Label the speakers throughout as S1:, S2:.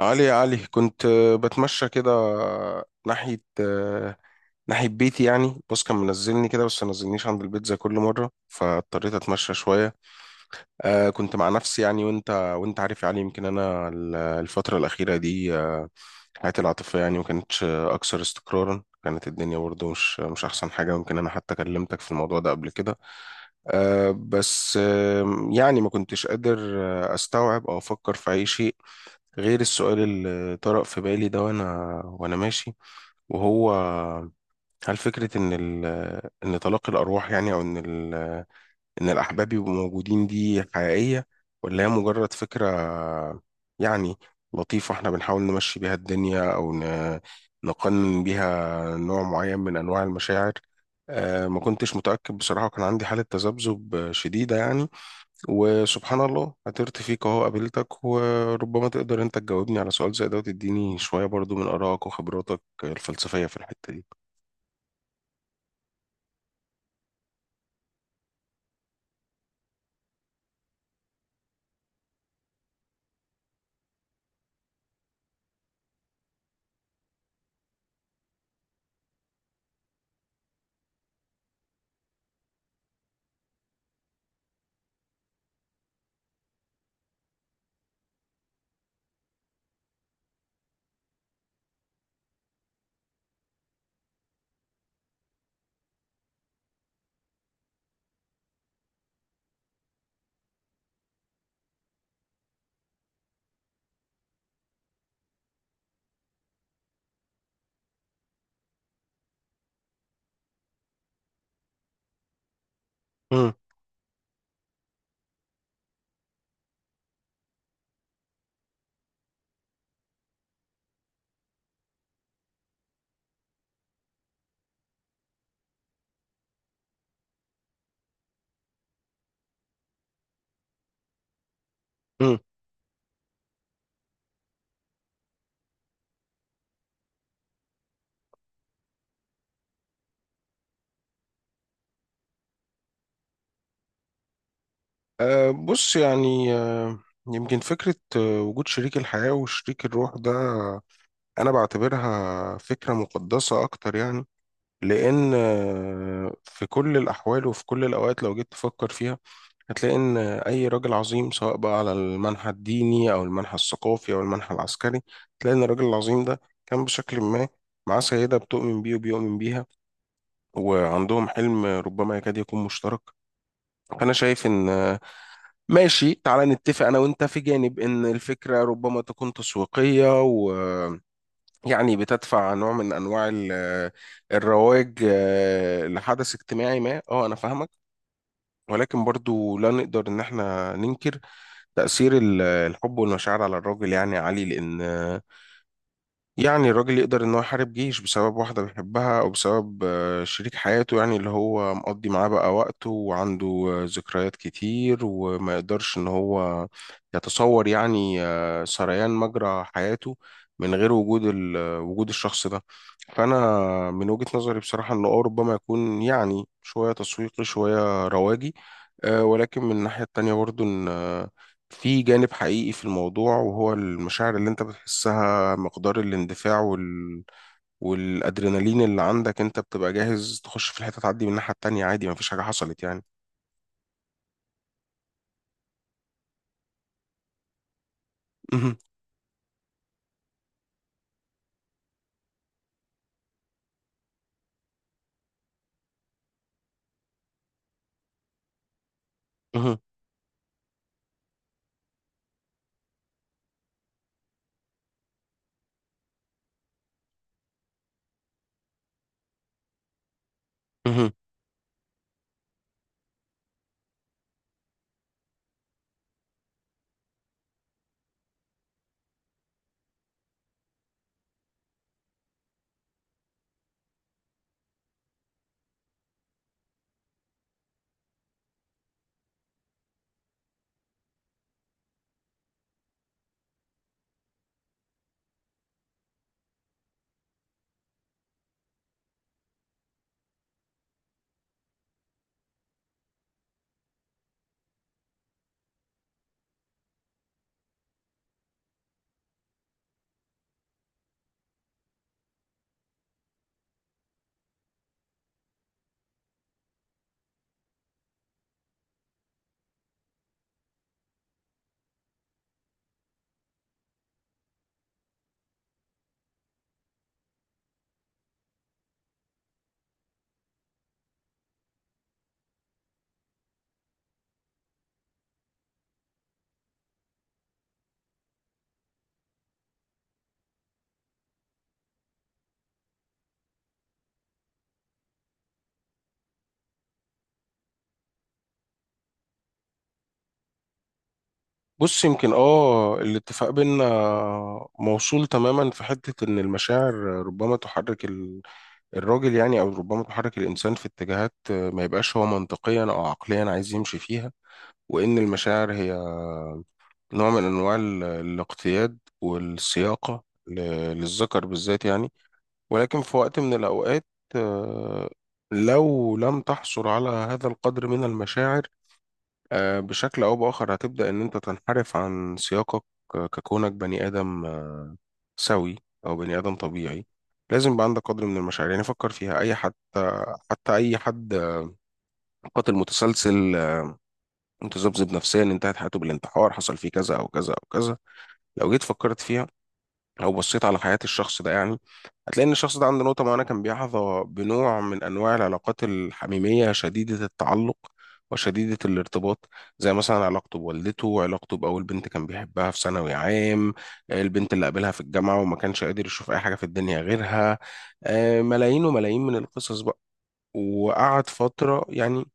S1: علي يا علي كنت بتمشى كده ناحية ناحية بيتي. يعني بص، كان منزلني كده بس منزلنيش عند البيت زي كل مرة، فاضطريت أتمشى شوية. كنت مع نفسي يعني. وأنت عارف يا علي، يمكن أنا الفترة الأخيرة دي حياتي العاطفية يعني ما كانتش أكثر استقرارا، كانت الدنيا برضه مش أحسن حاجة. يمكن أنا حتى كلمتك في الموضوع ده قبل كده. آه، بس آه، يعني ما كنتش قادر استوعب او افكر في اي شيء غير السؤال اللي طرأ في بالي ده وانا ماشي. وهو، هل فكرة إن طلاق الأرواح يعني، أو إن الأحباب يبقوا موجودين دي حقيقية؟ ولا هي مجرد فكرة يعني لطيفة إحنا بنحاول نمشي بيها الدنيا، أو نقنن بيها نوع معين من أنواع المشاعر؟ ما كنتش متأكد بصراحة، وكان عندي حالة تذبذب شديدة يعني. وسبحان الله، عثرت فيك اهو، قابلتك، وربما تقدر انت تجاوبني على سؤال زي ده وتديني شوية برضو من آرائك وخبراتك الفلسفية في الحتة دي. مم. مم. أه، بص يعني أه، يمكن فكرة وجود شريك الحياة وشريك الروح ده أنا بعتبرها فكرة مقدسة أكتر يعني. لأن في كل الأحوال وفي كل الأوقات، لو جيت تفكر فيها هتلاقي إن أي راجل عظيم، سواء بقى على المنحى الديني أو المنحى الثقافي أو المنحى العسكري، تلاقي إن الراجل العظيم ده كان بشكل ما معاه سيدة بتؤمن بيه وبيؤمن بيها، وعندهم حلم ربما يكاد يكون مشترك. فأنا شايف إن، ماشي، تعالى نتفق أنا وأنت في جانب إن الفكرة ربما تكون تسويقية، ويعني بتدفع نوع من أنواع الرواج لحدث اجتماعي ما، أه أنا فاهمك. ولكن برضو لا نقدر إن إحنا ننكر تأثير الحب والمشاعر على الراجل، يعني عالي. لأن يعني الراجل يقدر ان هو يحارب جيش بسبب واحدة بيحبها، او بسبب شريك حياته يعني، اللي هو مقضي معاه بقى وقته وعنده ذكريات كتير، وما يقدرش ان هو يتصور يعني سريان مجرى حياته من غير وجود وجود الشخص ده. فانا من وجهة نظري بصراحة انه اه ربما يكون يعني شوية تسويقي شوية رواجي، ولكن من الناحية التانية برضو ان في جانب حقيقي في الموضوع، وهو المشاعر اللي انت بتحسها، مقدار الاندفاع والادرينالين اللي عندك. انت بتبقى جاهز تخش في الحته، تعدي من الناحيه التانيه عادي، مفيش حاجه حصلت يعني. مهم. مهم. مهم. بص، يمكن اه الاتفاق بينا موصول تماما في حته ان المشاعر ربما تحرك الراجل يعني، او ربما تحرك الانسان في اتجاهات ما يبقاش هو منطقيا او عقليا عايز يمشي فيها. وان المشاعر هي نوع من انواع الاقتياد والسياقه للذكر بالذات يعني. ولكن في وقت من الأوقات، آه، لو لم تحصل على هذا القدر من المشاعر بشكل أو بآخر، هتبدأ إن أنت تنحرف عن سياقك، ككونك بني آدم سوي، أو بني آدم طبيعي. لازم يبقى عندك قدر من المشاعر. يعني فكر فيها أي حتى، أي حد قاتل متسلسل، متذبذب نفسيا، انتهت حياته بالانتحار، حصل فيه كذا أو كذا أو كذا، لو جيت فكرت فيها، لو بصيت على حياة الشخص ده يعني، هتلاقي إن الشخص ده عنده نقطة معينة كان بيحظى بنوع من أنواع العلاقات الحميمية شديدة التعلق وشديدة الارتباط، زي مثلا علاقته بوالدته، علاقته بأول بنت كان بيحبها في ثانوي عام، البنت اللي قابلها في الجامعة وما كانش قادر يشوف أي حاجة في الدنيا غيرها. ملايين وملايين من القصص بقى، وقعد فترة يعني.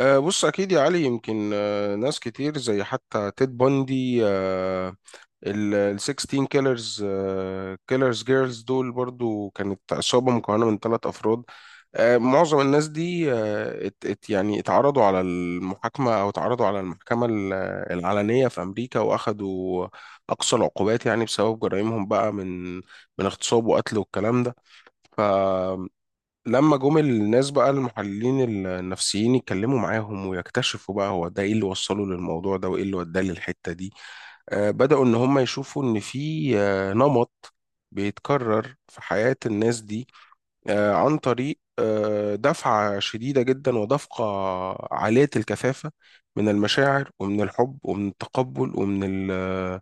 S1: بص أكيد يا علي، يمكن ناس كتير زي حتى تيد بوندي ال ال 16 كيلرز، كيلرز جيرلز دول، برضو كانت عصابة مكونة من ثلاث أفراد. معظم الناس دي ات ات يعني اتعرضوا على المحاكمة، أو اتعرضوا على المحكمة العلنية في أمريكا، وأخدوا أقصى العقوبات يعني، بسبب جرائمهم بقى من اغتصاب وقتل والكلام ده. فلما جم الناس بقى المحللين النفسيين يتكلموا معاهم، ويكتشفوا بقى هو ده ايه اللي وصله للموضوع ده وايه اللي وداه للحتة دي، بدأوا إن هم يشوفوا إن في نمط بيتكرر في حياة الناس دي، عن طريق دفعة شديدة جدا ودفقة عالية الكثافة من المشاعر ومن الحب ومن التقبل ال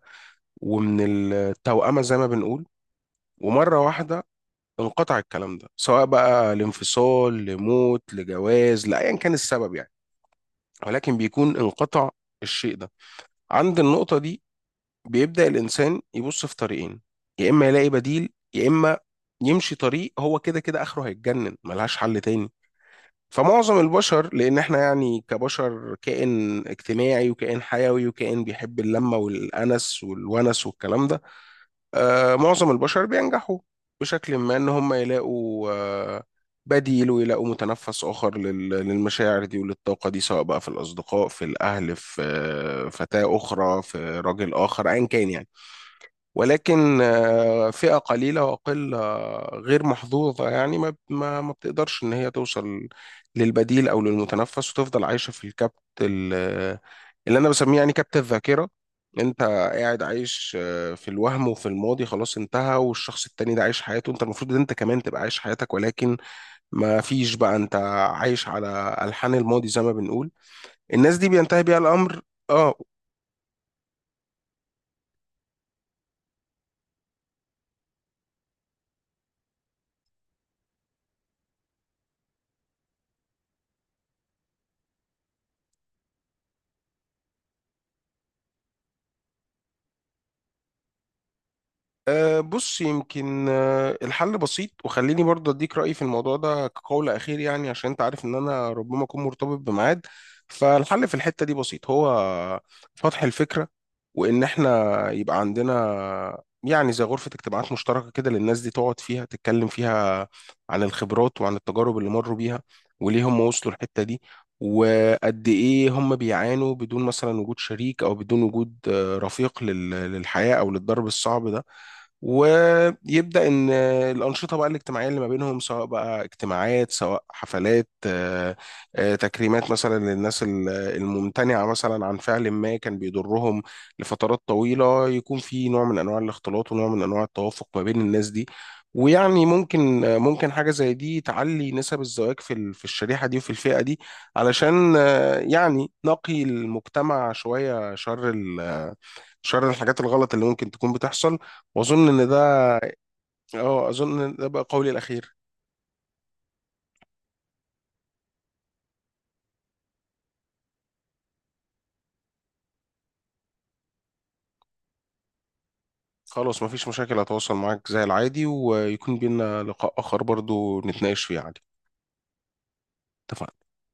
S1: ومن التوأمة زي ما بنقول. ومرة واحدة انقطع الكلام ده، سواء بقى لانفصال، لموت، لجواز، لأيا كان السبب يعني. ولكن بيكون انقطع الشيء ده. عند النقطة دي بيبدأ الإنسان يبص في طريقين: يا إما يلاقي بديل، يا إما يمشي طريق هو كده كده آخره هيتجنن، ملهاش حل تاني. فمعظم البشر، لأن إحنا يعني كبشر كائن اجتماعي وكائن حيوي وكائن بيحب اللمة والأنس والونس والكلام ده، آه معظم البشر بينجحوا بشكل ما إن هم يلاقوا آه بديل، ويلاقوا متنفس آخر للمشاعر دي وللطاقة دي، سواء بقى في الأصدقاء، في الأهل، في فتاة أخرى، في راجل آخر، أيا كان يعني. ولكن فئة قليلة وأقل غير محظوظة يعني ما بتقدرش إن هي توصل للبديل أو للمتنفس، وتفضل عايشة في الكبت ال- اللي أنا بسميه يعني كبت الذاكرة. أنت قاعد عايش في الوهم وفي الماضي، خلاص انتهى، والشخص التاني ده عايش حياته. أنت المفروض إن أنت كمان تبقى عايش حياتك، ولكن ما فيش بقى، أنت عايش على ألحان الماضي زي ما بنقول. الناس دي بينتهي بيها الأمر. اه، أه، بص يمكن أه الحل بسيط، وخليني برضه اديك رأيي في الموضوع ده كقول أخير يعني، عشان انت عارف ان انا ربما اكون مرتبط بميعاد. فالحل في الحتة دي بسيط، هو فتح الفكرة، وان احنا يبقى عندنا يعني زي غرفة اجتماعات مشتركة كده للناس دي، تقعد فيها، تتكلم فيها عن الخبرات وعن التجارب اللي مروا بيها، وليه هم وصلوا الحتة دي، وقد ايه هم بيعانوا بدون مثلا وجود شريك، او بدون وجود رفيق للحياة او للضرب الصعب ده. ويبدأ إن الأنشطة بقى الاجتماعية اللي ما بينهم، سواء بقى اجتماعات، سواء حفلات، تكريمات مثلا للناس الممتنعة مثلا عن فعل ما كان بيضرهم لفترات طويلة، يكون في نوع من أنواع الاختلاط ونوع من أنواع التوافق ما بين الناس دي. ويعني ممكن ممكن حاجة زي دي تعلي نسب الزواج في في الشريحة دي وفي الفئة دي، علشان يعني نقي المجتمع شوية شر شر الحاجات الغلط اللي ممكن تكون بتحصل. واظن ان ده، اه اظن ان ده بقى قولي الاخير. خلاص، مفيش مشاكل، هتواصل معاك زي العادي، ويكون بينا لقاء اخر برضو نتناقش فيه عادي. اتفقنا.